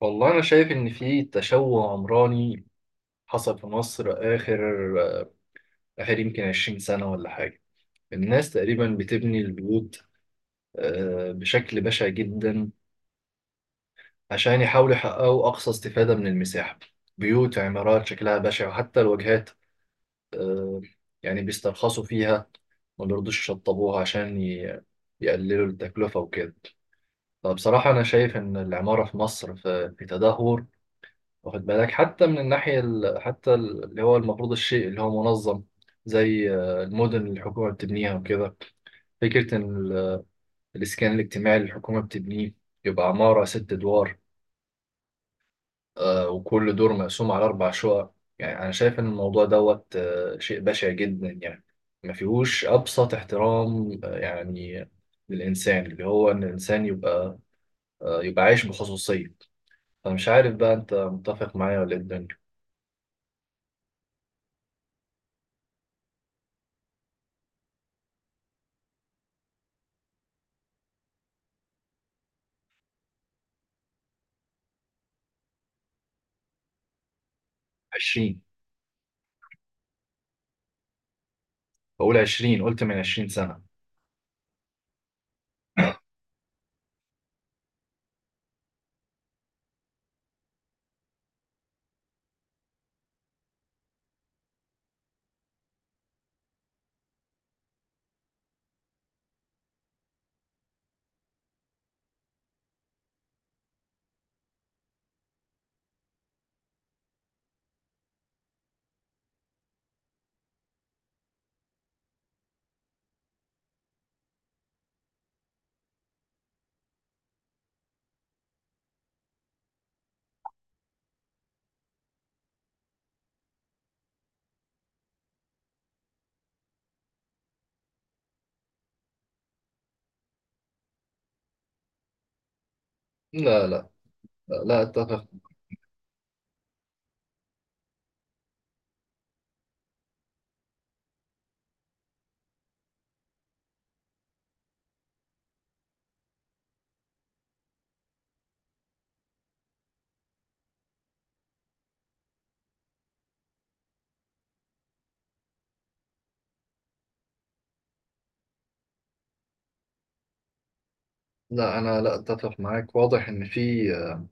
والله أنا شايف إن في تشوه عمراني حصل في مصر آخر آخر يمكن 20 سنة ولا حاجة. الناس تقريبا بتبني البيوت، بشكل بشع جدا، عشان يحاولوا يحققوا أقصى استفادة من المساحة. بيوت، عمارات شكلها بشع، وحتى الواجهات يعني بيسترخصوا فيها، ما بيرضوش يشطبوها عشان يقللوا التكلفة وكده. فبصراحة أنا شايف إن العمارة في مصر في تدهور. واخد بالك؟ حتى من الناحية اللي هو المفروض الشيء اللي هو منظم، زي المدن اللي الحكومة بتبنيها وكده. فكرة إن الإسكان الاجتماعي اللي الحكومة بتبنيه يبقى عمارة 6 أدوار، وكل دور مقسوم على 4 شقق. يعني أنا شايف إن الموضوع دوت شيء بشع جدا يعني. ما فيهوش أبسط احترام يعني، للإنسان، اللي هو إن الإنسان يبقى يبقى عايش بخصوصية. فمش عارف بقى، أنت متفق معايا ولا إيه الدنيا؟ 20. بقول 20، قلت من 20 سنة. لا، لا، لا أتفق. لا، أنا لا أتفق معاك. واضح إن في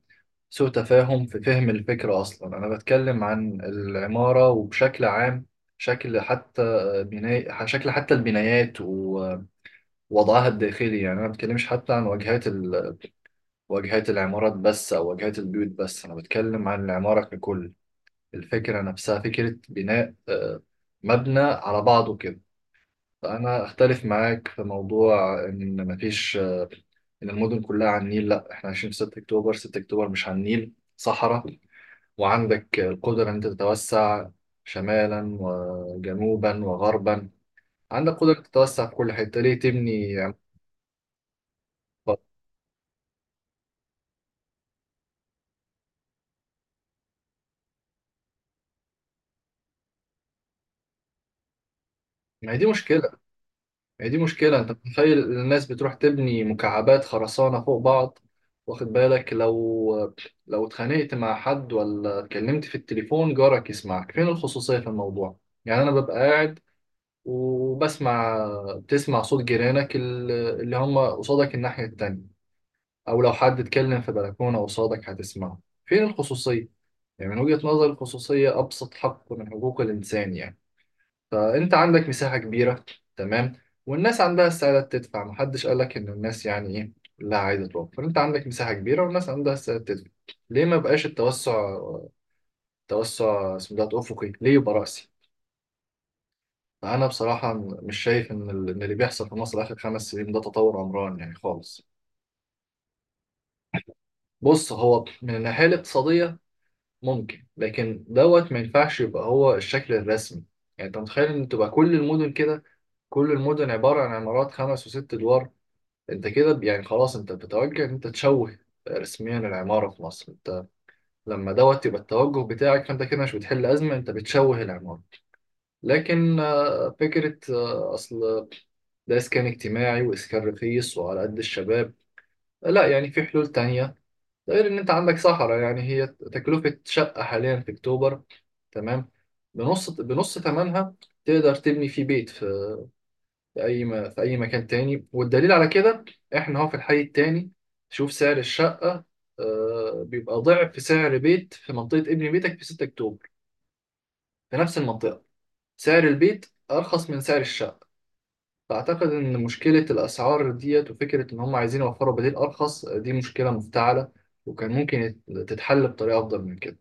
سوء تفاهم في فهم الفكرة. أصلا أنا بتكلم عن العمارة، وبشكل عام شكل حتى بناء، شكل حتى البنايات ووضعها الداخلي. يعني أنا ما بتكلمش حتى عن واجهات العمارات بس، أو واجهات البيوت بس. أنا بتكلم عن العمارة ككل، الفكرة نفسها، فكرة بناء مبنى على بعضه كده. انا اختلف معاك في موضوع ان مفيش، ان المدن كلها على النيل. لا، احنا عايشين في 6 اكتوبر، 6 اكتوبر مش على النيل، صحراء. وعندك القدرة ان انت تتوسع شمالا وجنوبا وغربا، عندك قدرة تتوسع في كل حتة، ليه تبني عمارات؟ ما هي دي مشكلة، هي دي مشكلة. أنت متخيل الناس بتروح تبني مكعبات خرسانة فوق بعض؟ واخد بالك، لو اتخانقت مع حد ولا اتكلمت في التليفون جارك يسمعك، فين الخصوصية في الموضوع؟ يعني أنا ببقى قاعد وبسمع، بتسمع صوت جيرانك اللي هم قصادك الناحية التانية، أو لو حد اتكلم في بلكونة قصادك هتسمعه. فين الخصوصية؟ يعني من وجهة نظري الخصوصية أبسط حق من حقوق الإنسان. يعني فأنت عندك مساحة كبيرة، تمام، والناس عندها استعداد تدفع، محدش قالك إن الناس يعني إيه، لا عايزة توفر. أنت عندك مساحة كبيرة والناس عندها استعداد تدفع، ليه ما بقاش التوسع؟ توسع اسمه ده أفقي، ليه يبقى رأسي؟ فأنا بصراحة مش شايف إن اللي بيحصل في مصر آخر 5 سنين ده تطور عمران يعني خالص. بص، هو من الناحية الاقتصادية ممكن، لكن دوت ما ينفعش يبقى هو الشكل الرسمي. يعني أنت متخيل إن تبقى كل المدن كده؟ كل المدن عبارة عن عمارات 5 و6 أدوار؟ انت كده، يعني خلاص، انت بتتوجه ان انت تشوه رسميا العمارة في مصر. انت لما دوت يبقى التوجه بتاعك، فانت كده مش بتحل أزمة، انت بتشوه العمارة. لكن فكرة أصل ده إسكان اجتماعي وإسكان رخيص وعلى قد الشباب، لا، يعني في حلول تانية. ده غير إن أنت عندك صحراء. يعني هي تكلفة شقة حاليا في أكتوبر، تمام، بنص بنص ثمنها تقدر تبني فيه بيت في في اي مكان تاني. والدليل على كده، احنا هو في الحي التاني شوف سعر الشقه، بيبقى ضعف سعر بيت في منطقه ابن بيتك في 6 اكتوبر. في نفس المنطقه سعر البيت ارخص من سعر الشقه. فاعتقد ان مشكله الاسعار ديت، وفكره ان هم عايزين يوفروا بديل ارخص، دي مشكله مفتعله، وكان ممكن تتحل بطريقه افضل من كده.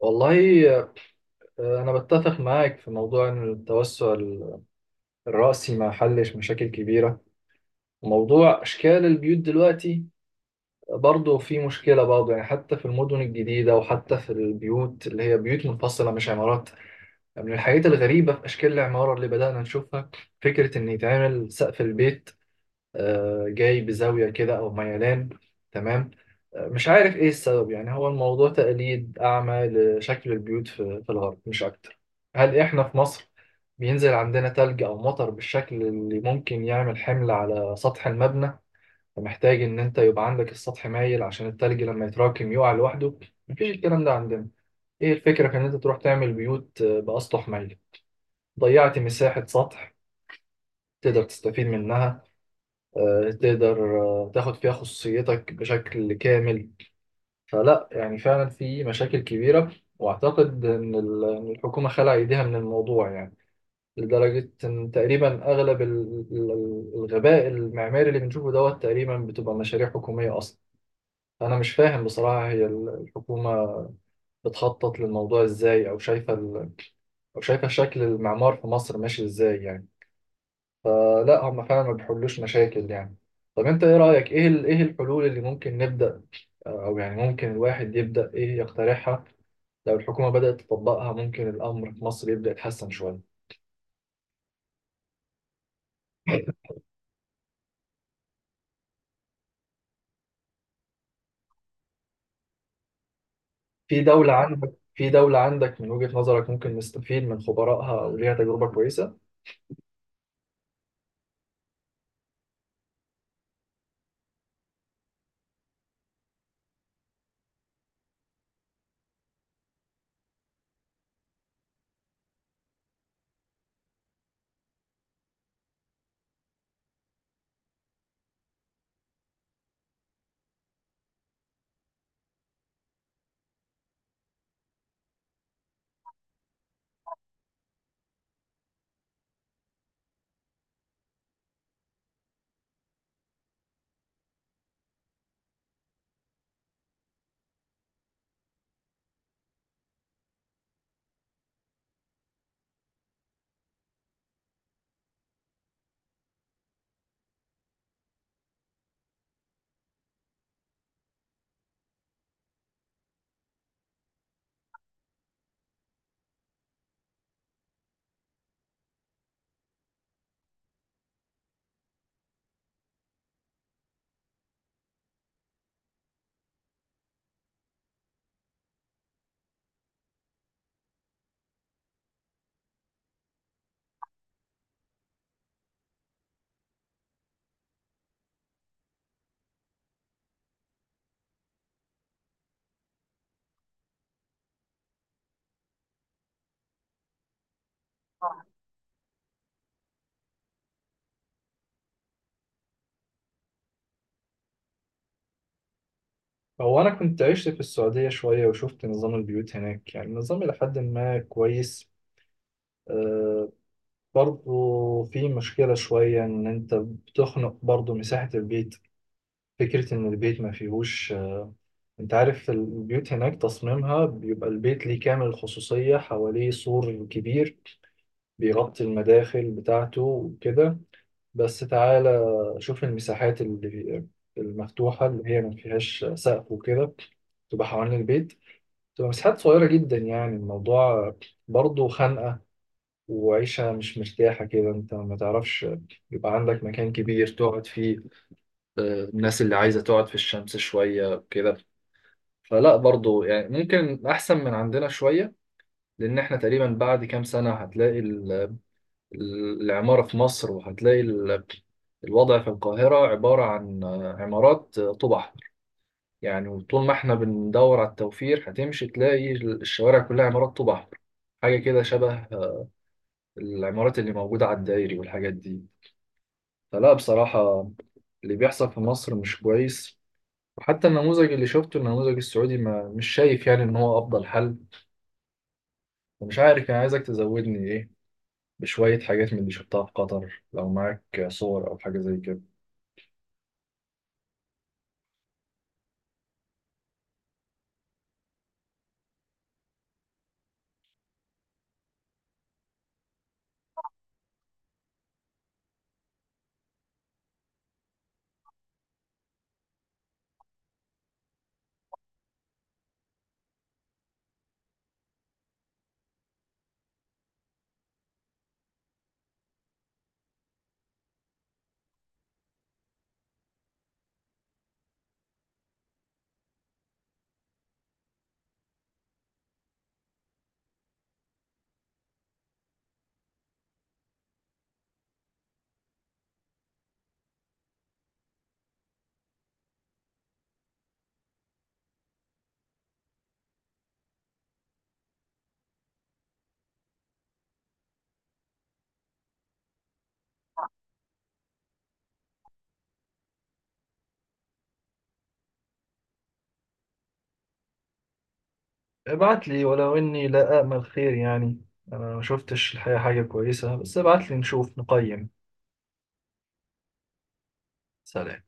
والله أنا بتفق معاك في موضوع إن التوسع الرأسي ما حلش مشاكل كبيرة. موضوع أشكال البيوت دلوقتي برضه في مشكلة، برضه يعني، حتى في المدن الجديدة وحتى في البيوت اللي هي بيوت منفصلة مش عمارات. يعني من الحاجات الغريبة في أشكال العمارة اللي بدأنا نشوفها، فكرة إن يتعمل سقف البيت جاي بزاوية كده أو ميلان، تمام. مش عارف إيه السبب، يعني هو الموضوع تقليد أعمى لشكل البيوت في الغرب مش أكتر. هل إحنا في مصر بينزل عندنا تلج أو مطر بالشكل اللي ممكن يعمل حمل على سطح المبنى، فمحتاج ان انت يبقى عندك السطح مايل عشان التلج لما يتراكم يقع لوحده؟ مفيش الكلام ده عندنا. ايه الفكرة كان انت تروح تعمل بيوت بأسطح مايل؟ ضيعت مساحة سطح تقدر تستفيد منها، تقدر تاخد فيها خصوصيتك بشكل كامل. فلا، يعني فعلا في مشاكل كبيرة، واعتقد ان إن الحكومة خلع ايديها من الموضوع يعني. لدرجة ان تقريبا اغلب الغباء المعماري اللي بنشوفه دوت تقريبا بتبقى مشاريع حكومية اصلا. أنا مش فاهم بصراحة، هي الحكومة بتخطط للموضوع إزاي، أو شايفة شكل المعمار في مصر ماشي إزاي يعني؟ فلا، هم فعلا ما بيحلوش مشاكل يعني. طب أنت إيه رأيك، إيه الحلول اللي ممكن نبدأ، أو يعني ممكن الواحد يبدأ إيه يقترحها، لو الحكومة بدأت تطبقها ممكن الأمر في مصر يبدأ يتحسن شوية؟ في دولة عندك من وجهة نظرك ممكن نستفيد من خبرائها أو ليها تجربة كويسة؟ هو أنا كنت عشت في السعودية شوية وشفت نظام البيوت هناك، يعني النظام إلى حد ما كويس. برضه في مشكلة شوية إن أنت بتخنق برضه مساحة البيت. فكرة إن البيت ما فيهوش، أنت عارف البيوت هناك تصميمها بيبقى البيت ليه كامل الخصوصية، حواليه سور كبير بيغطي المداخل بتاعته وكده. بس تعالى شوف المساحات المفتوحة اللي هي ما فيهاش سقف وكده، تبقى حوالين البيت، بتبقى مساحات صغيرة جدا، يعني الموضوع برضه خانقة. وعيشة مش مرتاحة كده، انت ما تعرفش يبقى عندك مكان كبير تقعد فيه، الناس اللي عايزة تقعد في الشمس شوية كده. فلا، برضه يعني ممكن أحسن من عندنا شوية. لأن احنا تقريبا بعد كام سنة هتلاقي العمارة في مصر، وهتلاقي الوضع في القاهرة عبارة عن عمارات طوب أحمر. يعني وطول ما احنا بندور على التوفير هتمشي تلاقي الشوارع كلها عمارات طوب أحمر، حاجة كده شبه العمارات اللي موجودة على الدائري والحاجات دي. فلا بصراحة اللي بيحصل في مصر مش كويس. وحتى النموذج اللي شفته، النموذج السعودي، ما مش شايف يعني إن هو أفضل حل. ومش عارف، يعني عايزك تزودني إيه بشوية حاجات من اللي شفتها في قطر، لو معاك صور أو حاجة زي كده. ابعت لي، ولو إني لا أأمل خير يعني، أنا ما شفتش الحقيقة حاجة كويسة، بس ابعت لي نشوف نقيم. سلام.